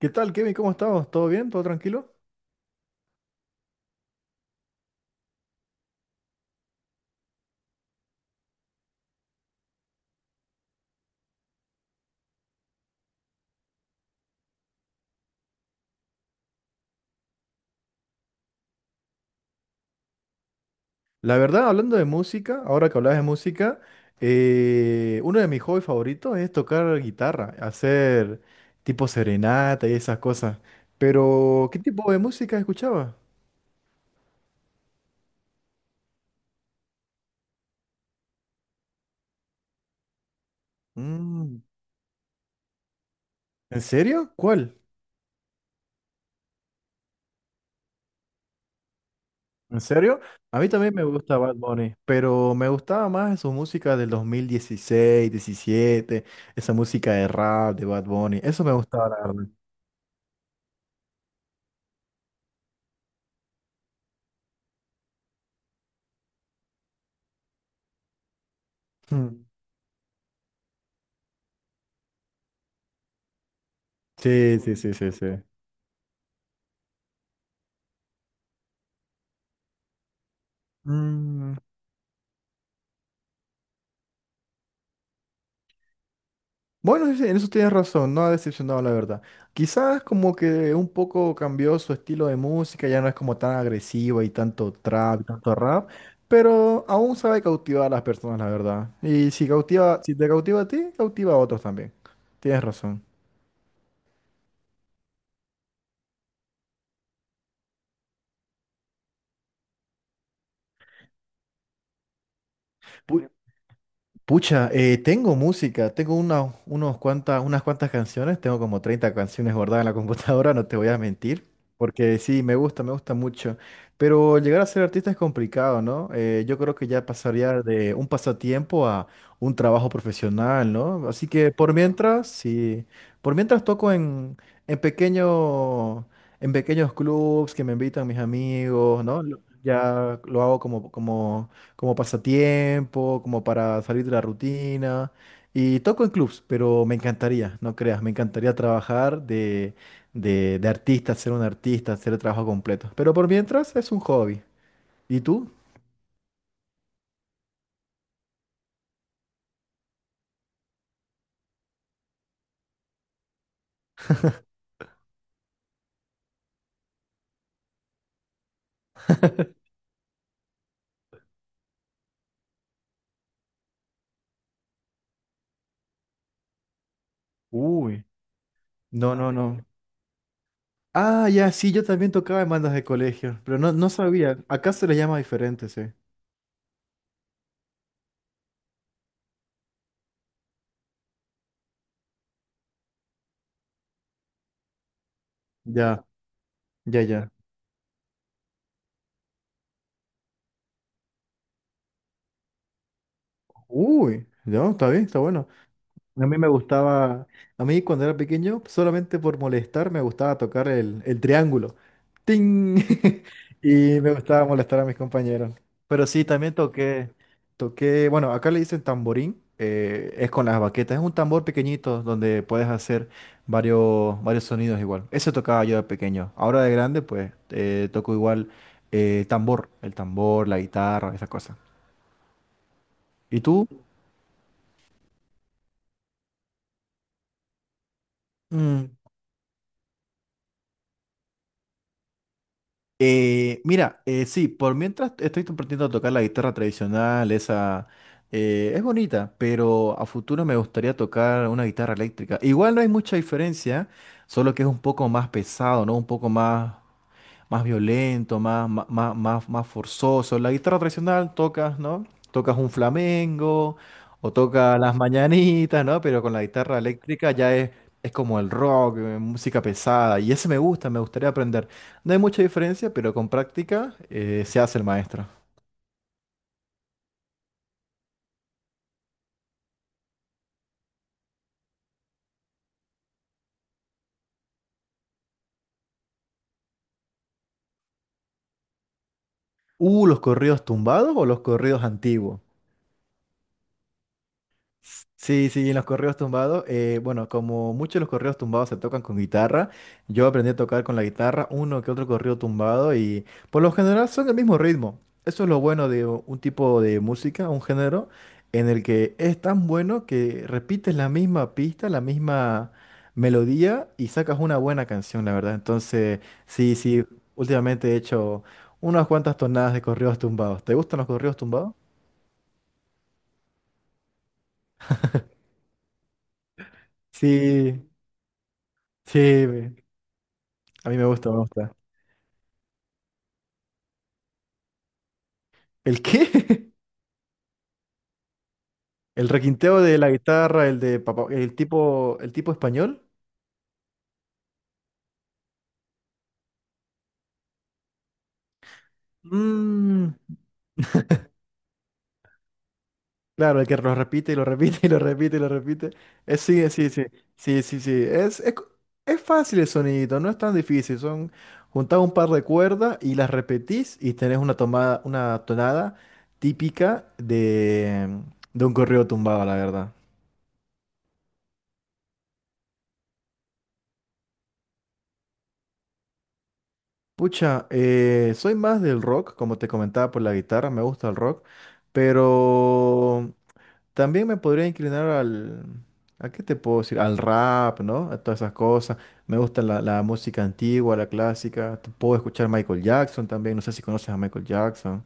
¿Qué tal, Kevin? ¿Cómo estamos? ¿Todo bien? ¿Todo tranquilo? La verdad, hablando de música, ahora que hablas de música, uno de mis hobbies favoritos es tocar guitarra, hacer tipo serenata y esas cosas. Pero, ¿qué tipo de música escuchaba? Mm, ¿en serio? ¿Cuál? ¿En serio? A mí también me gusta Bad Bunny, pero me gustaba más su música del 2016, 17, esa música de rap de Bad Bunny. Eso me gustaba, la verdad. Mm. Sí, sí, sí, sí, sí. Mm, bueno, sí, sí, en eso tienes razón, no ha decepcionado la verdad. Quizás como que un poco cambió su estilo de música, ya no es como tan agresiva y tanto trap y tanto rap, pero aún sabe cautivar a las personas, la verdad. Y si cautiva, si te cautiva a ti, cautiva a otros también. Tienes razón. Pu- Pucha, tengo música, tengo unas cuantas canciones, tengo como 30 canciones guardadas en la computadora, no te voy a mentir, porque sí, me gusta mucho, pero llegar a ser artista es complicado, ¿no? Yo creo que ya pasaría de un pasatiempo a un trabajo profesional, ¿no? Así que por mientras, sí, por mientras toco en pequeño, en pequeños clubs que me invitan mis amigos, ¿no? Ya lo hago como, como como pasatiempo, como para salir de la rutina. Y toco en clubs, pero me encantaría, no creas, me encantaría trabajar de, de artista, ser un artista, hacer el trabajo completo. Pero por mientras es un hobby. ¿Y tú? Uy, no, no, no. Ah, ya, sí, yo también tocaba en bandas de colegio, pero no, no sabía. Acá se le llama diferente, sí. Ya, ya, ya. Uy, ya, está bien, está bueno. A mí me gustaba, a mí cuando era pequeño, solamente por molestar, me gustaba tocar el triángulo. ¡Ting! Y me gustaba molestar a mis compañeros. Pero sí, también toqué, toqué, bueno, acá le dicen tamborín, es con las baquetas, es un tambor pequeñito donde puedes hacer varios, varios sonidos igual. Eso tocaba yo de pequeño. Ahora de grande, pues, toco igual tambor, el tambor, la guitarra, esas cosas. ¿Y tú? Mm. Mira, sí, por mientras estoy aprendiendo a tocar la guitarra tradicional, esa es bonita, pero a futuro me gustaría tocar una guitarra eléctrica. Igual no hay mucha diferencia, solo que es un poco más pesado, ¿no? Un poco más más violento, más, más, más, más forzoso. La guitarra tradicional tocas, ¿no? Tocas un flamengo o tocas las mañanitas, ¿no? Pero con la guitarra eléctrica ya es como el rock, música pesada. Y ese me gusta, me gustaría aprender. No hay mucha diferencia, pero con práctica se hace el maestro. ¿Los corridos tumbados o los corridos antiguos? Sí, sí, en los correos tumbados, bueno, como muchos de los correos tumbados se tocan con guitarra, yo aprendí a tocar con la guitarra uno que otro correo tumbado y por lo general son el mismo ritmo. Eso es lo bueno de un tipo de música, un género, en el que es tan bueno que repites la misma pista, la misma melodía y sacas una buena canción, la verdad. Entonces, sí, sí, últimamente he hecho unas cuantas tonadas de correos tumbados. ¿Te gustan los correos tumbados? Sí, sí. A mí me gusta, me gusta. ¿El qué? El requinteo de la guitarra, el de papá, el tipo español. Mm, claro, el que lo repite y lo repite y lo repite y lo repite. Es, sí, sí, sí, sí, sí, sí. Es, es fácil el sonidito, no es tan difícil. Son juntar un par de cuerdas y las repetís y tenés una tomada, una tonada típica de un corrido tumbado, la verdad. Pucha, soy más del rock, como te comentaba por la guitarra, me gusta el rock, pero también me podría inclinar al, ¿a qué te puedo decir? Al rap, ¿no? A todas esas cosas. Me gusta la, la música antigua, la clásica. Te puedo escuchar Michael Jackson también, no sé si conoces a Michael Jackson.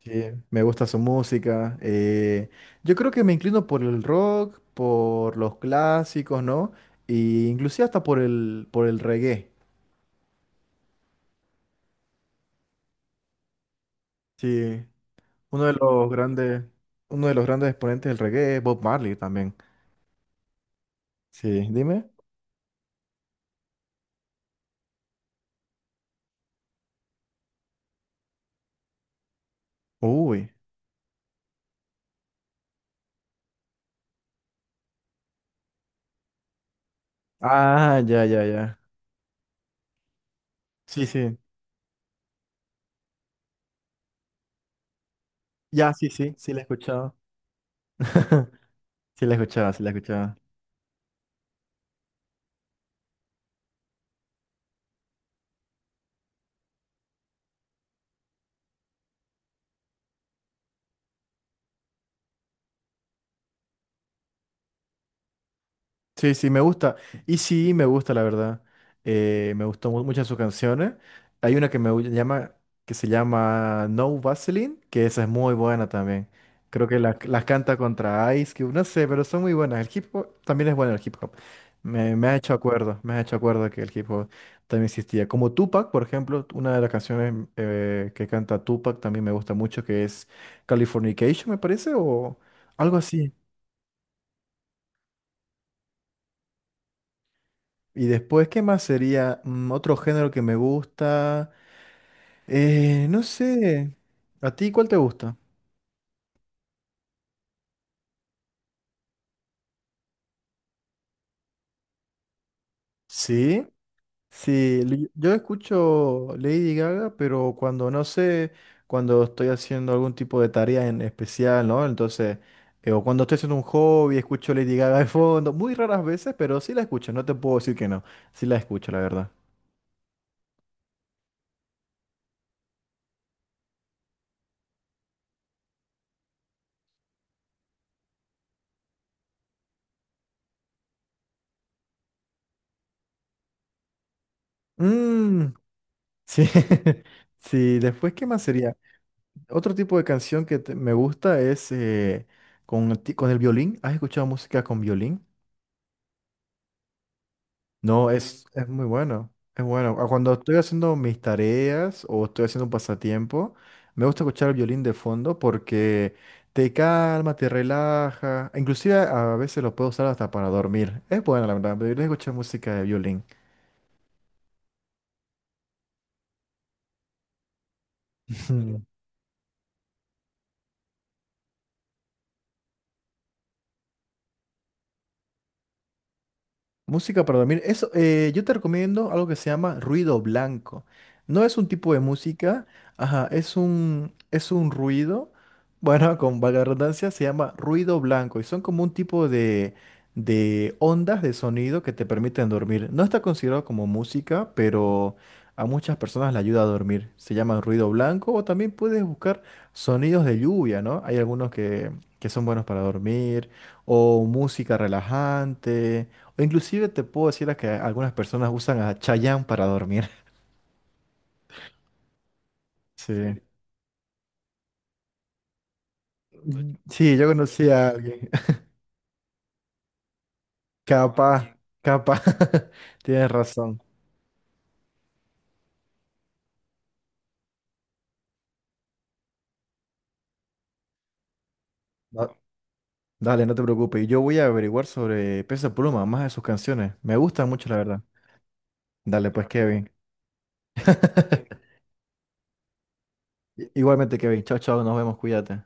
Sí, me gusta su música. Yo creo que me inclino por el rock, por los clásicos, ¿no? E inclusive hasta por el reggae. Sí. Uno de los grandes, uno de los grandes exponentes del reggae es Bob Marley también. Sí, dime. Uy. Ah, ya, ya, ya. Sí, sí. Ya, sí, sí, sí la he escuchado. Sí la he escuchado, sí la he escuchado. Sí, sí, me gusta. Y sí, me gusta, la verdad. Me gustó muchas sus canciones. Hay una que me llama, que se llama No Vaseline, que esa es muy buena también. Creo que las canta contra Ice Cube, no sé, pero son muy buenas. El hip hop también es bueno el hip hop. Me ha hecho acuerdo, me ha hecho acuerdo que el hip hop también existía. Como Tupac, por ejemplo, una de las canciones que canta Tupac también me gusta mucho, que es Californication, me parece, o algo así. Y después, ¿qué más sería? Mm, otro género que me gusta. No sé. ¿A ti cuál te gusta? Sí, sí. Yo escucho Lady Gaga, pero cuando no sé, cuando estoy haciendo algún tipo de tarea en especial, ¿no? Entonces, o cuando estoy haciendo un hobby, escucho Lady Gaga de fondo. Muy raras veces, pero sí la escucho. No te puedo decir que no. Sí la escucho, la verdad. Mm, sí. Sí. Después, ¿qué más sería? Otro tipo de canción que me gusta es con, con el violín. ¿Has escuchado música con violín? No, mm, es muy bueno. Es bueno. Ah, cuando estoy haciendo mis tareas o estoy haciendo un pasatiempo, me gusta escuchar el violín de fondo porque te calma, te relaja. Inclusive a veces lo puedo usar hasta para dormir. Es bueno, la verdad. Deberías escuchar música de violín. Música para dormir. Eso, yo te recomiendo algo que se llama ruido blanco. No es un tipo de música, ajá, es un ruido, bueno, con valga la redundancia, se llama ruido blanco y son como un tipo de ondas de sonido que te permiten dormir. No está considerado como música, pero a muchas personas le ayuda a dormir. Se llama ruido blanco o también puedes buscar sonidos de lluvia, ¿no? Hay algunos que son buenos para dormir o música relajante. O inclusive te puedo decir a que algunas personas usan a Chayanne para dormir. Sí. Sí, yo conocí a alguien. Capaz, capaz. Tienes razón. Da- Dale, no te preocupes. Yo voy a averiguar sobre Peso Pluma, más de sus canciones. Me gustan mucho, la verdad. Dale, pues, Kevin. Igualmente, Kevin. Chao, chao. Nos vemos. Cuídate.